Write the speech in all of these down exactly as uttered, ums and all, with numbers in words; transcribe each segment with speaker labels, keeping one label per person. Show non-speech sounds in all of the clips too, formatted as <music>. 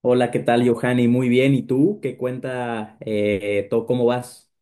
Speaker 1: Hola, ¿qué tal, Johanny? Muy bien. ¿Y tú? ¿Qué cuenta? Eh, todo, ¿cómo vas?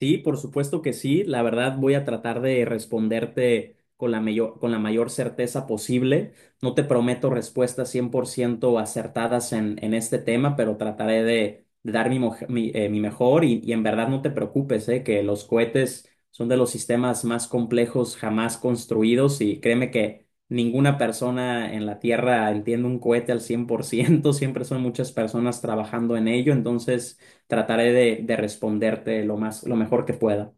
Speaker 1: Sí, por supuesto que sí. La verdad voy a tratar de responderte con la mayor, con la mayor certeza posible. No te prometo respuestas cien por ciento acertadas en, en este tema, pero trataré de, de dar mi, moj- mi, eh, mi mejor, y, y en verdad no te preocupes, eh, que los cohetes son de los sistemas más complejos jamás construidos y créeme que ninguna persona en la Tierra entiende un cohete al cien por ciento. <laughs> Siempre son muchas personas trabajando en ello, entonces trataré de, de responderte lo más, lo mejor que pueda.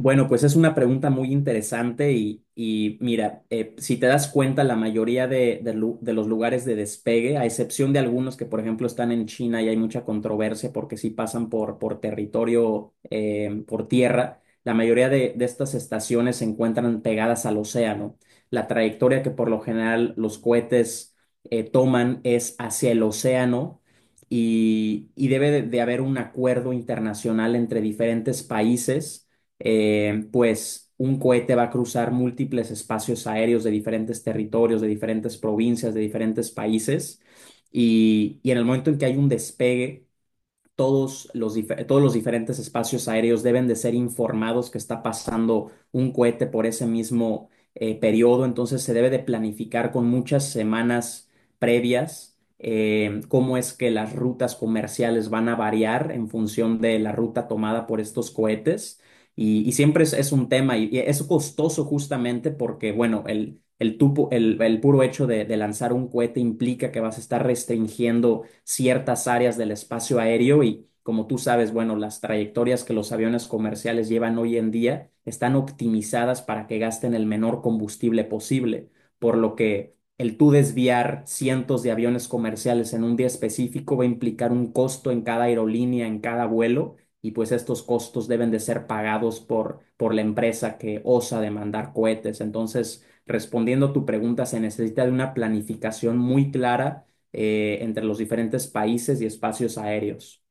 Speaker 1: Bueno, pues es una pregunta muy interesante y, y mira, eh, si te das cuenta, la mayoría de, de lu- de los lugares de despegue, a excepción de algunos que, por ejemplo, están en China y hay mucha controversia porque sí pasan por, por territorio, eh, por tierra, la mayoría de, de estas estaciones se encuentran pegadas al océano. La trayectoria que por lo general los cohetes eh, toman es hacia el océano, y, y debe de de haber un acuerdo internacional entre diferentes países, eh, pues un cohete va a cruzar múltiples espacios aéreos de diferentes territorios, de diferentes provincias, de diferentes países, y, y en el momento en que hay un despegue, todos los, dife- todos los diferentes espacios aéreos deben de ser informados que está pasando un cohete por ese mismo eh, periodo. Entonces se debe de planificar con muchas semanas previas eh, cómo es que las rutas comerciales van a variar en función de la ruta tomada por estos cohetes. Y, y siempre es, es un tema, y, y es costoso justamente porque, bueno, el, el, tupo- el, el puro hecho de, de lanzar un cohete implica que vas a estar restringiendo ciertas áreas del espacio aéreo y, como tú sabes, bueno, las trayectorias que los aviones comerciales llevan hoy en día están optimizadas para que gasten el menor combustible posible, por lo que el tú desviar cientos de aviones comerciales en un día específico va a implicar un costo en cada aerolínea, en cada vuelo, y pues estos costos deben de ser pagados por, por la empresa que osa demandar cohetes. Entonces, respondiendo a tu pregunta, se necesita de una planificación muy clara eh, entre los diferentes países y espacios aéreos.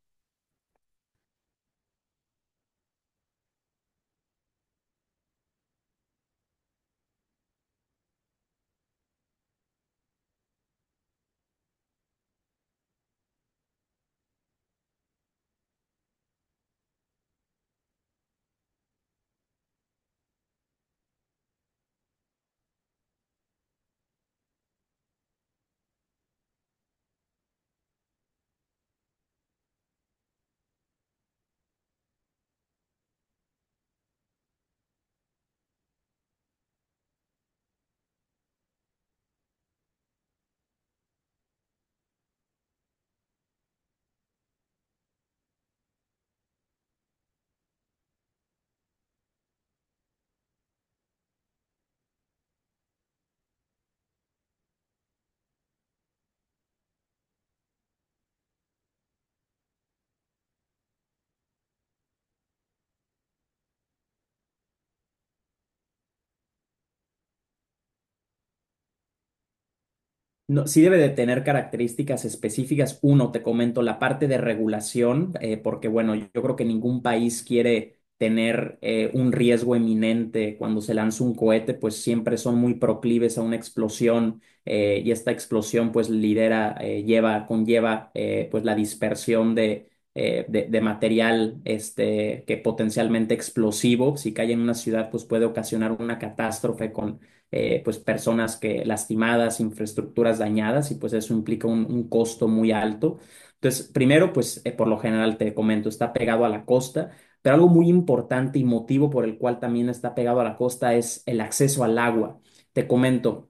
Speaker 1: No, sí debe de tener características específicas. Uno, te comento la parte de regulación, eh, porque bueno, yo creo que ningún país quiere tener eh, un riesgo eminente cuando se lanza un cohete, pues siempre son muy proclives a una explosión, eh, y esta explosión pues lidera, eh, lleva, conlleva eh, pues la dispersión de, eh, de, de material este, que potencialmente explosivo, si cae en una ciudad pues puede ocasionar una catástrofe con eh, pues personas que lastimadas, infraestructuras dañadas, y pues eso implica un, un costo muy alto. Entonces, primero, pues eh, por lo general te comento, está pegado a la costa, pero algo muy importante y motivo por el cual también está pegado a la costa es el acceso al agua. Te comento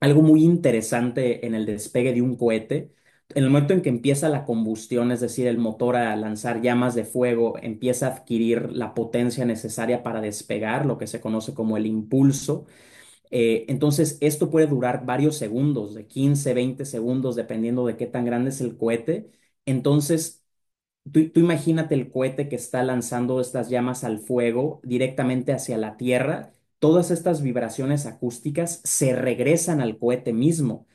Speaker 1: algo muy interesante en el despegue de un cohete. En el momento en que empieza la combustión, es decir, el motor a lanzar llamas de fuego, empieza a adquirir la potencia necesaria para despegar, lo que se conoce como el impulso. Eh, entonces, esto puede durar varios segundos, de quince, veinte segundos, dependiendo de qué tan grande es el cohete. Entonces, tú, tú imagínate el cohete que está lanzando estas llamas al fuego directamente hacia la Tierra. Todas estas vibraciones acústicas se regresan al cohete mismo,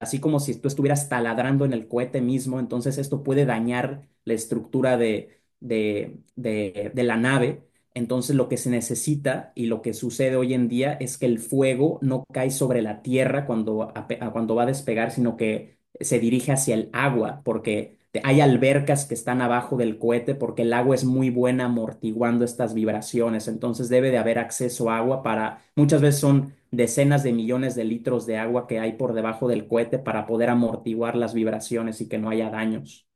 Speaker 1: así como si tú estuvieras taladrando en el cohete mismo. Entonces esto puede dañar la estructura de, de, de- de la nave. Entonces lo que se necesita y lo que sucede hoy en día es que el fuego no cae sobre la tierra cuando, ape- cuando va a despegar, sino que se dirige hacia el agua, porque te- hay albercas que están abajo del cohete, porque el agua es muy buena amortiguando estas vibraciones. Entonces debe de haber acceso a agua, para, muchas veces son decenas de millones de litros de agua que hay por debajo del cohete para poder amortiguar las vibraciones y que no haya daños.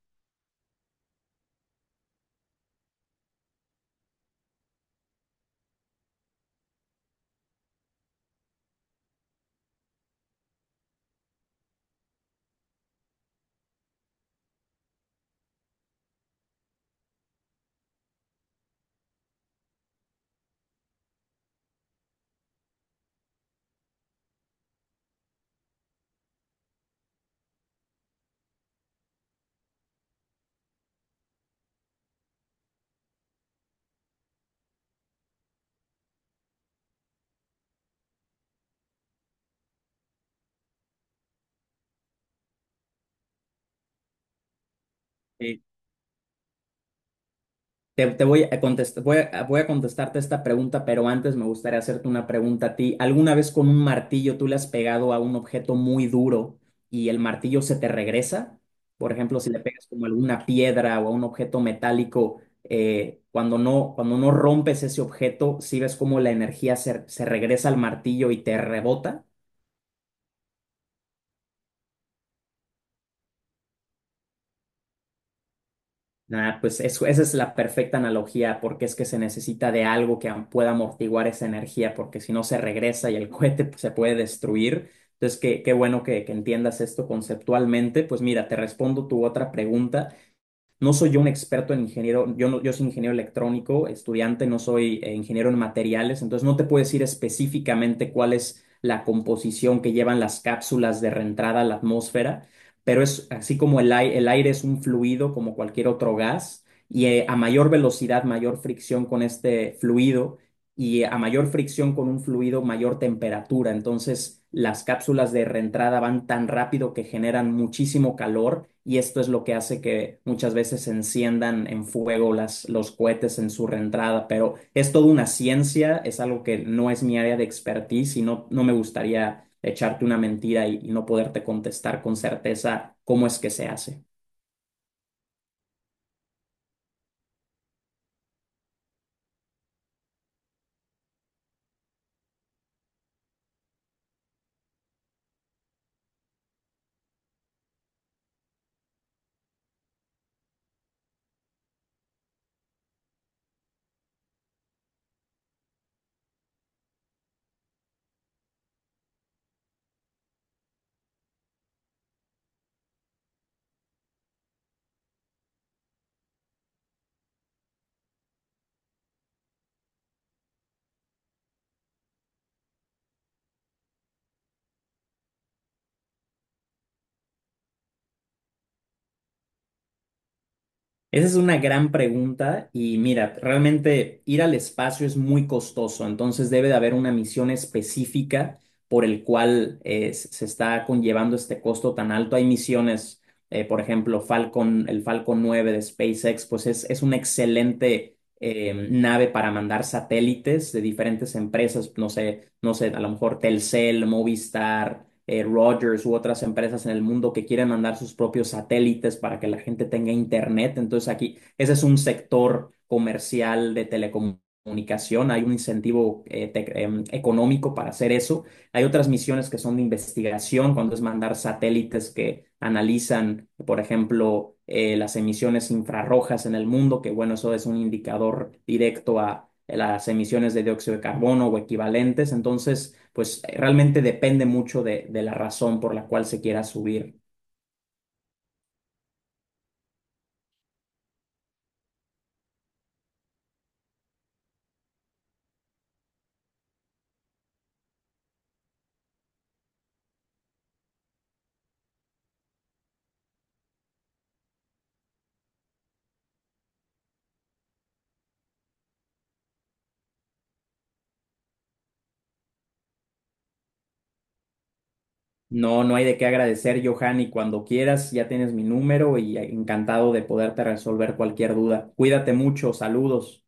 Speaker 1: Te, te voy a contestar, voy a, voy a contestarte esta pregunta, pero antes me gustaría hacerte una pregunta a ti. ¿Alguna vez con un martillo tú le has pegado a un objeto muy duro y el martillo se te regresa? Por ejemplo, si le pegas como alguna piedra o a un objeto metálico, eh, cuando no, cuando no rompes ese objeto, ¿sí ves cómo la energía se, se regresa al martillo y te rebota? Ah, pues eso, esa es la perfecta analogía, porque es que se necesita de algo que am- pueda amortiguar esa energía, porque si no se regresa y el <laughs> cohete pues se puede destruir. Entonces, qué, qué bueno que que entiendas esto conceptualmente. Pues mira, te respondo tu otra pregunta. No soy yo un experto en ingeniero, yo, no, yo soy ingeniero electrónico, estudiante, no soy eh, ingeniero en materiales, entonces no te puedo decir específicamente cuál es la composición que llevan las cápsulas de reentrada a la atmósfera, pero es así como el, ai- el aire es un fluido como cualquier otro gas, y eh, a mayor velocidad, mayor fricción con este fluido, y a mayor fricción con un fluido, mayor temperatura. Entonces, las cápsulas de reentrada van tan rápido que generan muchísimo calor, y esto es lo que hace que muchas veces se enciendan en fuego las, los cohetes en su reentrada. Pero es toda una ciencia, es algo que no es mi área de expertise y no, no me gustaría echarte una mentira y, y no poderte contestar con certeza cómo es que se hace. Esa es una gran pregunta y mira, realmente ir al espacio es muy costoso, entonces debe de haber una misión específica por el cual eh, s- se está conllevando este costo tan alto. Hay misiones, eh, por ejemplo, Falcon, el Falcon nueve de SpaceX, pues es, es una excelente eh, nave para mandar satélites de diferentes empresas, no sé, no sé, a lo mejor Telcel, Movistar, eh, Rogers u otras empresas en el mundo que quieren mandar sus propios satélites para que la gente tenga internet. Entonces aquí, ese es un sector comercial de telecomunicación. Hay un incentivo eh, tec- em, económico para hacer eso. Hay otras misiones que son de investigación, cuando es mandar satélites que analizan, por ejemplo, eh, las emisiones infrarrojas en el mundo, que bueno, eso es un indicador directo a las emisiones de dióxido de carbono o equivalentes. Entonces, pues eh, realmente depende mucho de, de la razón por la cual se quiera subir. No, no hay de qué agradecer, Johan, y cuando quieras ya tienes mi número y encantado de poderte resolver cualquier duda. Cuídate mucho, saludos.